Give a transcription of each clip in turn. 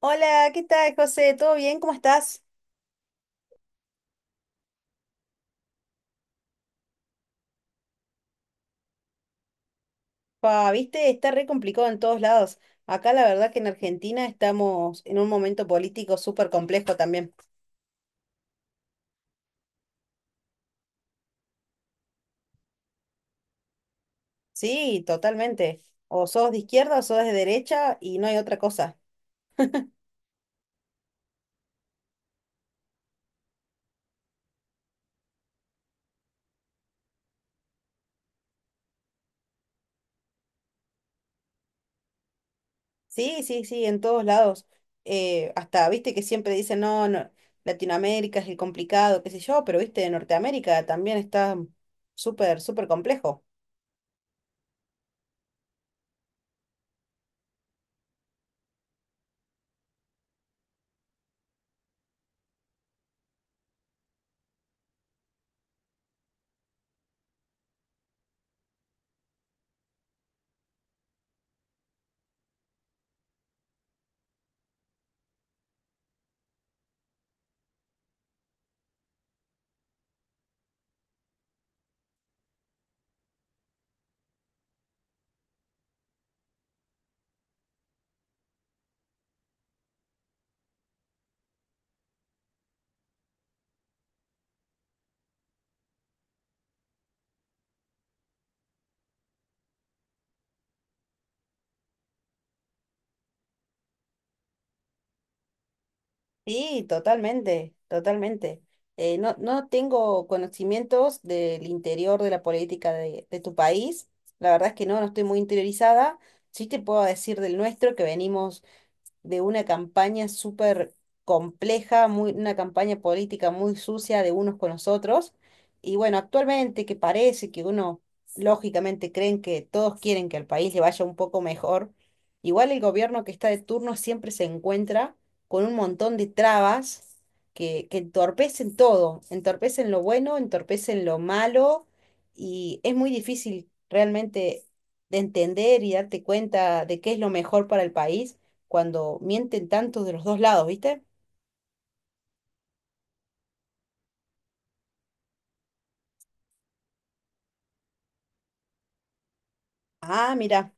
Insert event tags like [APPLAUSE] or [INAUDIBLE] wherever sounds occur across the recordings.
Hola, ¿qué tal, José? ¿Todo bien? ¿Cómo estás? Pa, viste, está re complicado en todos lados. Acá la verdad que en Argentina estamos en un momento político súper complejo también. Sí, totalmente. O sos de izquierda o sos de derecha y no hay otra cosa. Sí, sí, sí, en todos lados. Hasta, viste, que siempre dicen, no, no, Latinoamérica es el complicado, qué sé yo, pero viste, Norteamérica también está súper, súper complejo. Sí, totalmente, totalmente. No, no tengo conocimientos del interior de la política de tu país. La verdad es que no, no estoy muy interiorizada. Sí te puedo decir del nuestro, que venimos de una campaña súper compleja, muy, una campaña política muy sucia de unos con los otros. Y bueno, actualmente que parece que uno, lógicamente, creen que todos quieren que al país le vaya un poco mejor, igual el gobierno que está de turno siempre se encuentra con un montón de trabas que entorpecen todo, entorpecen lo bueno, entorpecen lo malo, y es muy difícil realmente de entender y darte cuenta de qué es lo mejor para el país cuando mienten tanto de los dos lados, ¿viste? Ah, mira.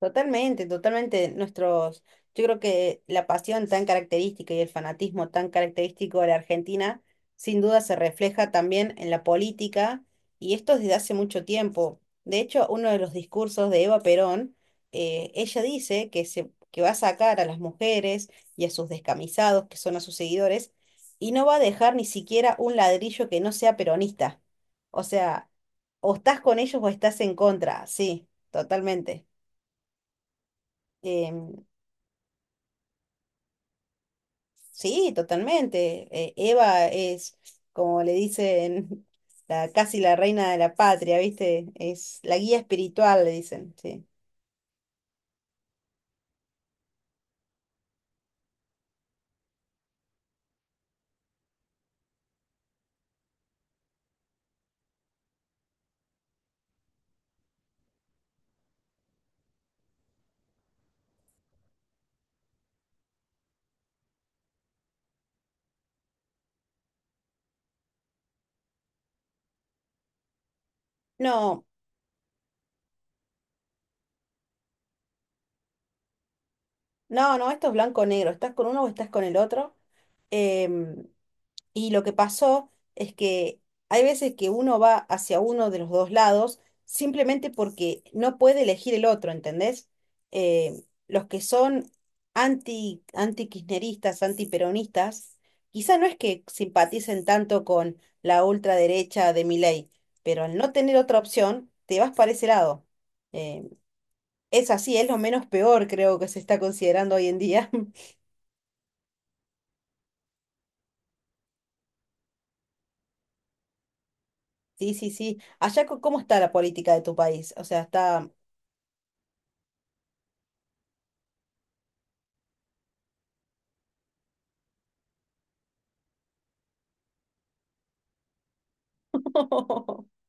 Totalmente, totalmente. Nuestros, yo creo que la pasión tan característica y el fanatismo tan característico de la Argentina, sin duda se refleja también en la política, y esto desde hace mucho tiempo. De hecho, uno de los discursos de Eva Perón, ella dice que va a sacar a las mujeres y a sus descamisados, que son a sus seguidores, y no va a dejar ni siquiera un ladrillo que no sea peronista. O sea, o estás con ellos o estás en contra, sí, totalmente. Em, sí, totalmente. Eva es, como le dicen, [LAUGHS] la, casi la reina de la patria, ¿viste? Es la guía espiritual, le dicen, sí. No, no, no, esto es blanco o negro. ¿Estás con uno o estás con el otro? Em, Y lo que pasó es que hay veces que uno va hacia uno de los dos lados simplemente porque no puede elegir el otro, ¿entendés? Los que son anti-kirchneristas, anti-peronistas, quizá no es que simpaticen tanto con la ultraderecha de Milei, pero al no tener otra opción, te vas para ese lado. Eh, es así, es lo menos peor creo que se está considerando hoy en día. [LAUGHS] Sí, sí, sí. Allá, co- ¿cómo está la política de tu país? O sea, ¿está [LAUGHS]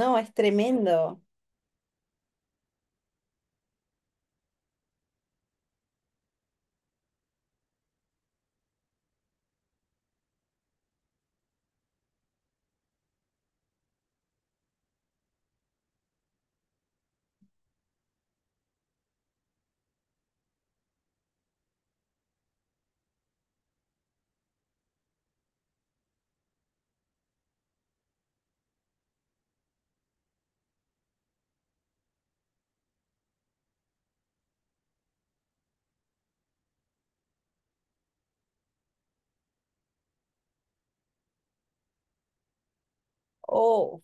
no, es tremendo. Oh.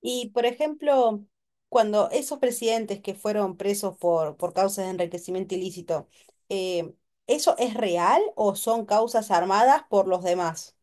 Y por ejemplo, cuando esos presidentes que fueron presos por causas de enriquecimiento ilícito, eh, ¿eso es real o son causas armadas por los demás?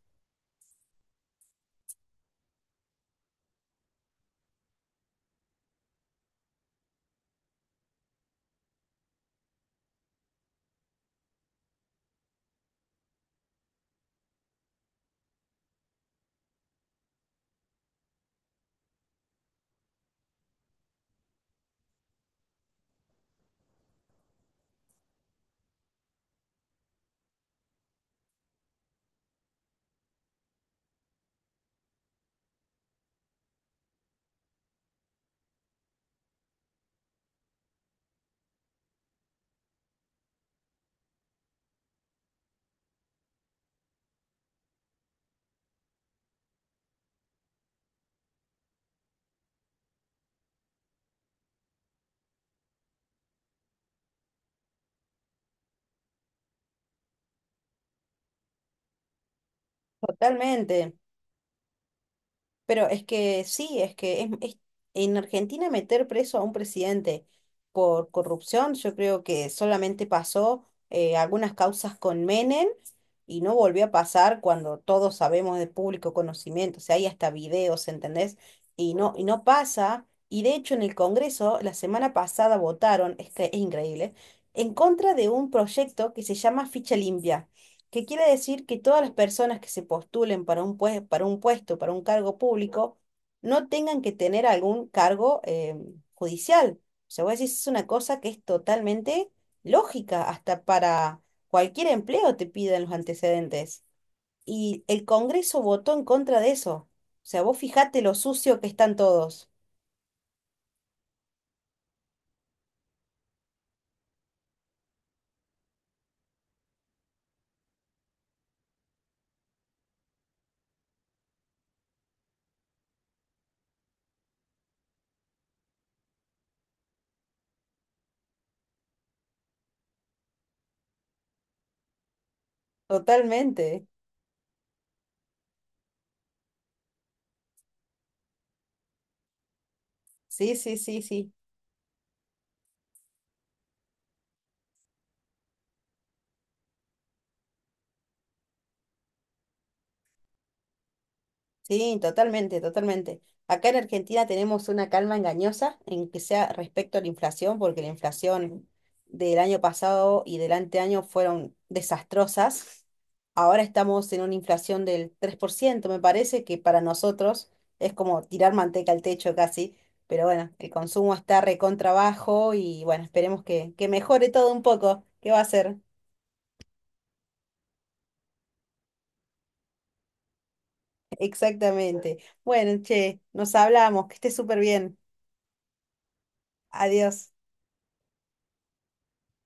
Totalmente. Pero es que sí, es que es- en Argentina meter preso a un presidente por corrupción, yo creo que solamente pasó algunas causas con Menem y no volvió a pasar cuando todos sabemos de público conocimiento, o sea, hay hasta videos, ¿entendés? Y no pasa. Y de hecho en el Congreso la semana pasada votaron, es que es increíble, en contra de un proyecto que se llama Ficha Limpia que quiere decir que todas las personas que se postulen para un pue- para un puesto, para un cargo público, no tengan que tener algún cargo judicial. O sea, vos decís, es una cosa que es totalmente lógica, hasta para cualquier empleo te piden los antecedentes. Y el Congreso votó en contra de eso. O sea, vos fijate lo sucio que están todos. Totalmente. Sí, sí, sí, sí. Sí, totalmente, totalmente. Acá en Argentina tenemos una calma engañosa en que sea respecto a la inflación, porque la inflación del año pasado y del anteaño fueron desastrosas. Ahora estamos en una inflación del 3%, me parece que para nosotros es como tirar manteca al techo casi, pero bueno, el consumo está recontra bajo y bueno, esperemos que mejore todo un poco. ¿Qué va a ser? [LAUGHS] Exactamente. Bueno, che, nos hablamos, que esté súper bien. Adiós.